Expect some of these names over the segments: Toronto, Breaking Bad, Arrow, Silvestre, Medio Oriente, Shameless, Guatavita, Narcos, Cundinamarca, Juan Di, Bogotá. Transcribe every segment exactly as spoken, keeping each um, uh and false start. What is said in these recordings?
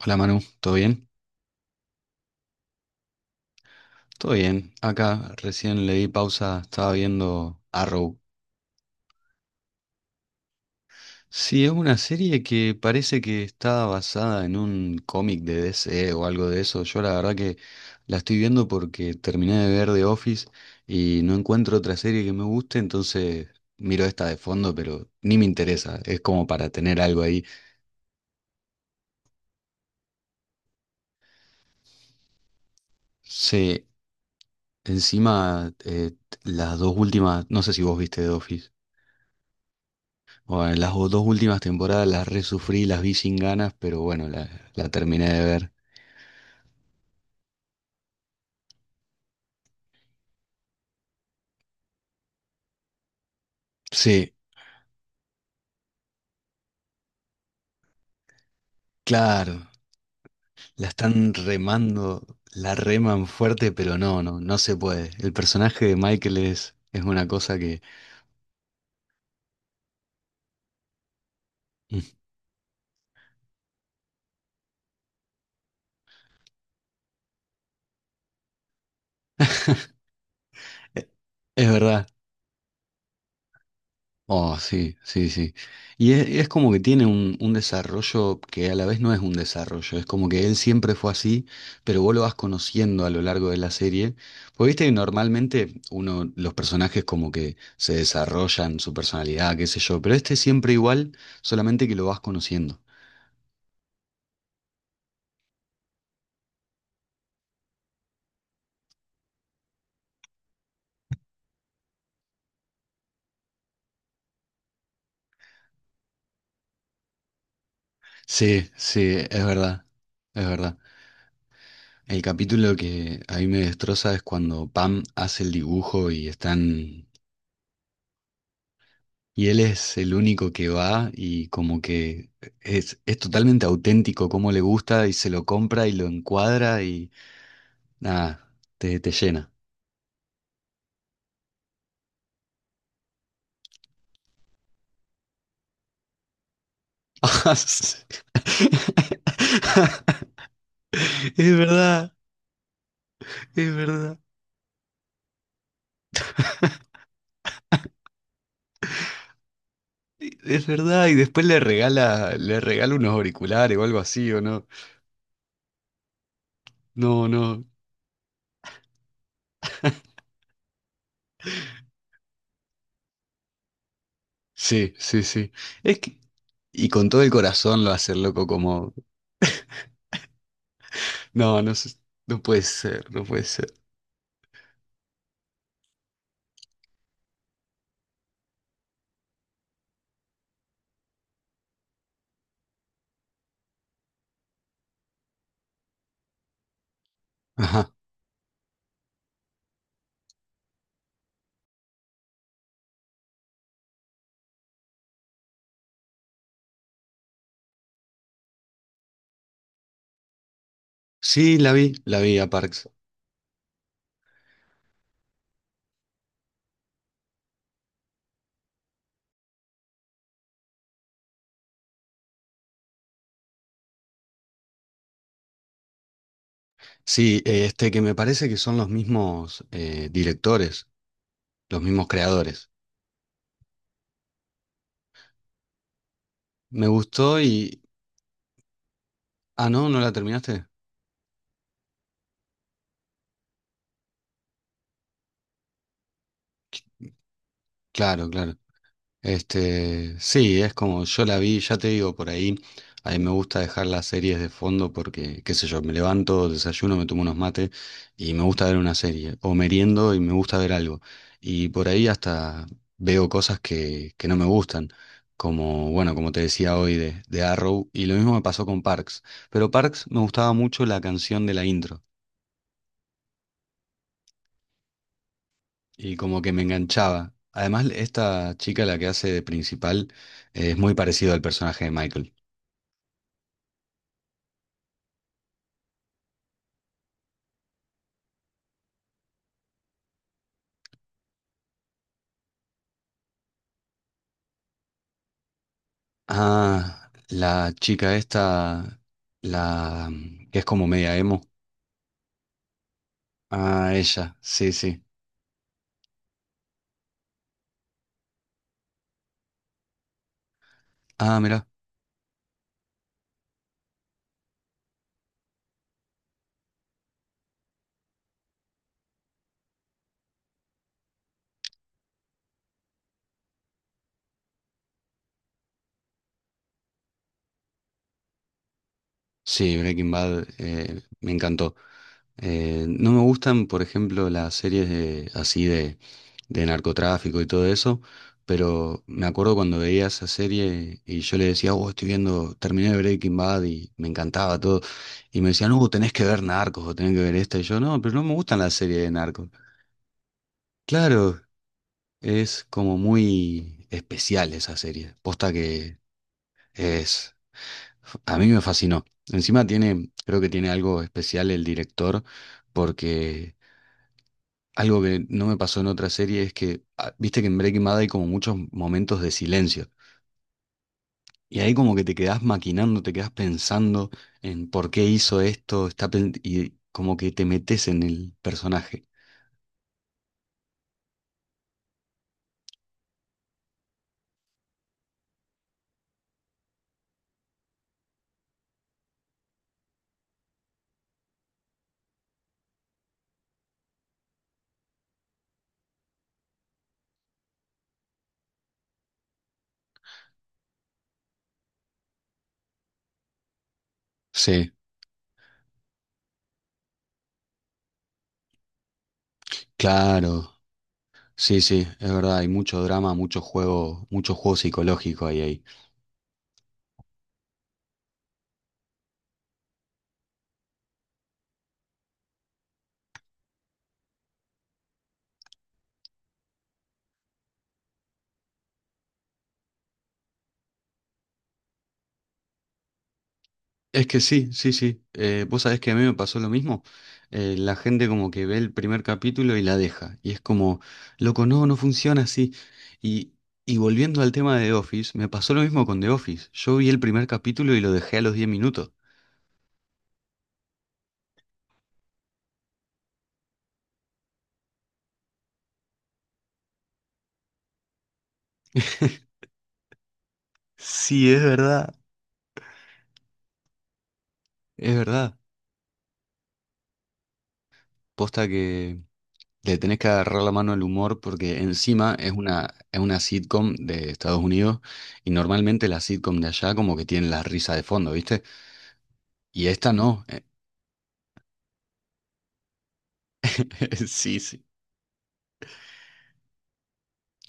Hola Manu, ¿todo bien? Todo bien. Acá recién le di pausa, estaba viendo Arrow. Sí, es una serie que parece que está basada en un cómic de D C o algo de eso. Yo la verdad que la estoy viendo porque terminé de ver The Office y no encuentro otra serie que me guste, entonces miro esta de fondo, pero ni me interesa. Es como para tener algo ahí. Sí, encima eh, las dos últimas, no sé si vos viste The Office. Bueno, las o- dos últimas temporadas las resufrí, las vi sin ganas, pero bueno, la, la terminé de ver. Sí, claro, la están remando, la reman fuerte, pero no, no, no se puede. El personaje de Michael es, es una cosa que... Es verdad. Oh, sí, sí, sí. Y es, es como que tiene un, un desarrollo que a la vez no es un desarrollo, es como que él siempre fue así, pero vos lo vas conociendo a lo largo de la serie. Porque viste que normalmente uno, los personajes como que se desarrollan su personalidad, qué sé yo, pero este es siempre igual, solamente que lo vas conociendo. Sí, sí, es verdad, es verdad. El capítulo que a mí me destroza es cuando Pam hace el dibujo y están. Y él es el único que va y como que es, es totalmente auténtico, como le gusta y se lo compra y lo encuadra y nada, te, te llena. Es verdad, es verdad, es verdad. Y después le regala, le regala unos auriculares o algo así, ¿o no? No, no. Sí, sí, sí. Es que, y con todo el corazón lo hace el loco como... No, no, se- no puede ser, no puede ser. Ajá. Sí, la vi, la vi a Park. Sí, eh, este que me parece que son los mismos eh, directores, los mismos creadores. Me gustó y... Ah, no, ¿no la terminaste? Claro, claro. Este, sí, es como yo la vi, ya te digo, por ahí, a mí me gusta dejar las series de fondo porque, qué sé yo, me levanto, desayuno, me tomo unos mates y me gusta ver una serie, o meriendo y me gusta ver algo. Y por ahí hasta veo cosas que, que no me gustan, como, bueno, como te decía hoy de, de Arrow, y lo mismo me pasó con Parks, pero Parks me gustaba mucho la canción de la intro y como que me enganchaba. Además, esta chica, la que hace de principal, eh, es muy parecido al personaje de Michael. Ah, la chica esta, la mm, que es como media emo. Ah, ella, sí, sí. Ah, mira, sí, Breaking Bad eh, me encantó. Eh, no me gustan, por ejemplo, las series de, así de, de narcotráfico y todo eso, pero me acuerdo cuando veía esa serie y yo le decía, oh, estoy viendo, terminé Breaking Bad y me encantaba todo. Y me decían, no, tenés que ver Narcos o tenés que ver esta. Y yo, no, pero no me gustan las series de Narcos. Claro. Es como muy especial esa serie. Posta que es... A mí me fascinó. Encima tiene, creo que tiene algo especial el director, porque algo que no me pasó en otra serie es que, ah, viste que en Breaking Bad hay como muchos momentos de silencio. Y ahí como que te quedás maquinando, te quedás pensando en por qué hizo esto, está pen- y como que te metes en el personaje. Sí, claro. Sí, sí, es verdad, hay mucho drama, mucho juego, mucho juego psicológico ahí, ahí. Es que sí, sí, sí. Eh, vos sabés que a mí me pasó lo mismo. Eh, la gente como que ve el primer capítulo y la deja. Y es como, loco, no, no funciona así. Y, y volviendo al tema de The Office, me pasó lo mismo con The Office. Yo vi el primer capítulo y lo dejé a los diez minutos. Sí, es verdad, es verdad. Posta que le tenés que agarrar la mano al humor porque encima es una, es una sitcom de Estados Unidos y normalmente las sitcom de allá como que tienen la risa de fondo, ¿viste? Y esta no. Sí, sí.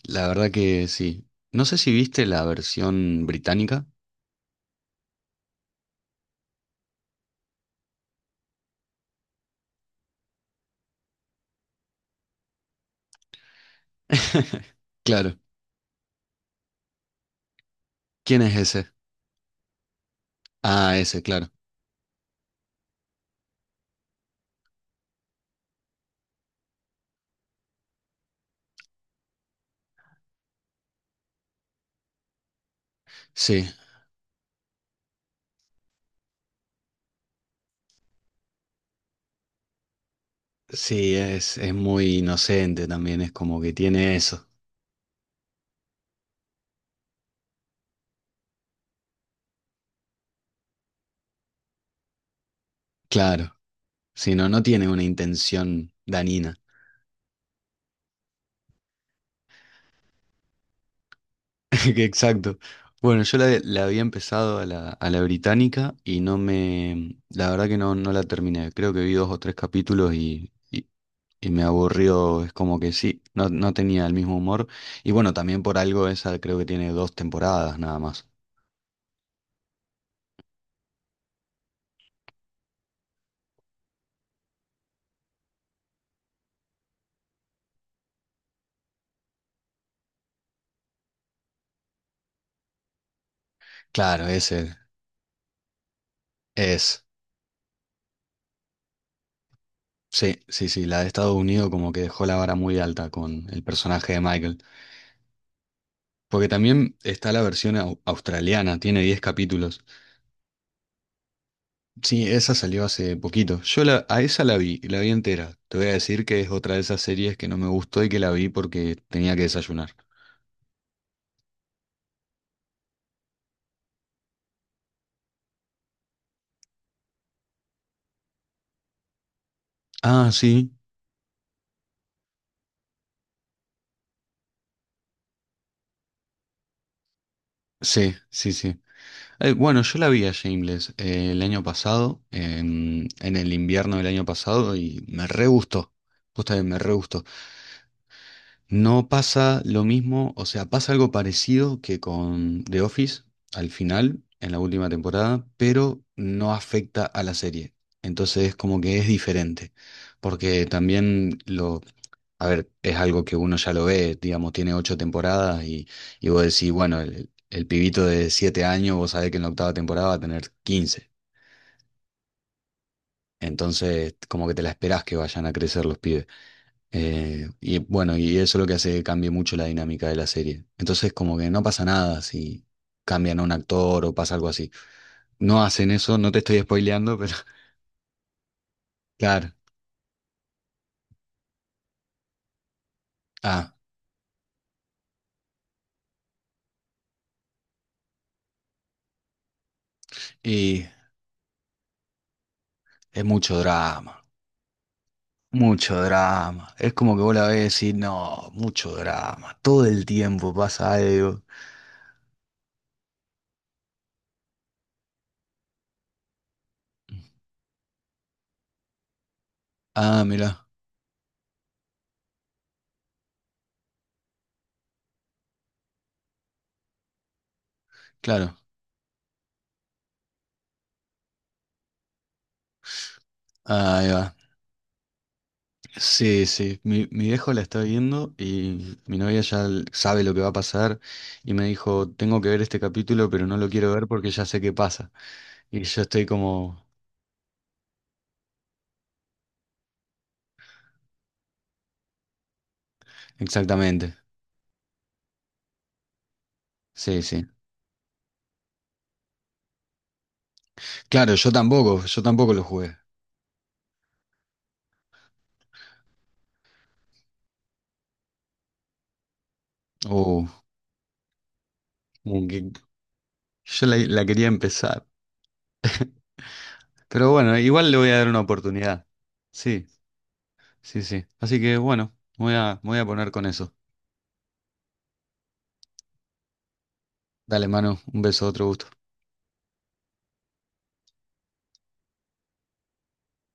La verdad que sí. No sé si viste la versión británica. Claro. ¿Quién es ese? Ah, ese, claro. Sí, sí, es, es muy inocente también, es como que tiene eso. Claro. Si no, no tiene una intención danina. Que Exacto. Bueno, yo la, la había empezado a la, a la británica y no me... La verdad que no, no la terminé. Creo que vi dos o tres capítulos y, y y me aburrió, es como que sí, no, no tenía el mismo humor. Y bueno, también por algo esa creo que tiene dos temporadas nada más. Claro, ese es. Sí, sí, sí, la de Estados Unidos como que dejó la vara muy alta con el personaje de Michael. Porque también está la versión au- australiana, tiene diez capítulos. Sí, esa salió hace poquito. Yo la, a esa la vi, la vi entera. Te voy a decir que es otra de esas series que no me gustó y que la vi porque tenía que desayunar. Ah, sí, sí, sí, sí. Eh, bueno, yo la vi a Shameless eh, el año pasado, en, en el invierno del año pasado, y me re gustó. Justamente me re gustó. No pasa lo mismo, o sea, pasa algo parecido que con The Office al final, en la última temporada, pero no afecta a la serie. Entonces, es como que es diferente, porque también lo a ver, es algo que uno ya lo ve, digamos, tiene ocho temporadas y, y vos decís, bueno, el, el pibito de siete años, vos sabés que en la octava temporada va a tener quince. Entonces, como que te la esperás que vayan a crecer los pibes. Eh, y bueno, y eso es lo que hace que cambie mucho la dinámica de la serie. Entonces, como que no pasa nada si cambian a un actor o pasa algo así. No hacen eso, no te estoy spoileando, pero claro. Ah, y es mucho drama. Mucho drama. Es como que vos la ves y decís, no, mucho drama. Todo el tiempo pasa algo. Ah, mirá, claro. Ahí va. Sí, sí. Mi, mi viejo la está viendo y mi novia ya l- sabe lo que va a pasar y me dijo, tengo que ver este capítulo, pero no lo quiero ver porque ya sé qué pasa. Y yo estoy como, exactamente. Sí, sí. Claro, yo tampoco, yo tampoco lo jugué. Oh, como que yo la la quería empezar. Pero bueno, igual le voy a dar una oportunidad. Sí. Sí, sí. Así que bueno, me voy a, me voy a poner con eso. Dale, Manu, un beso, otro gusto.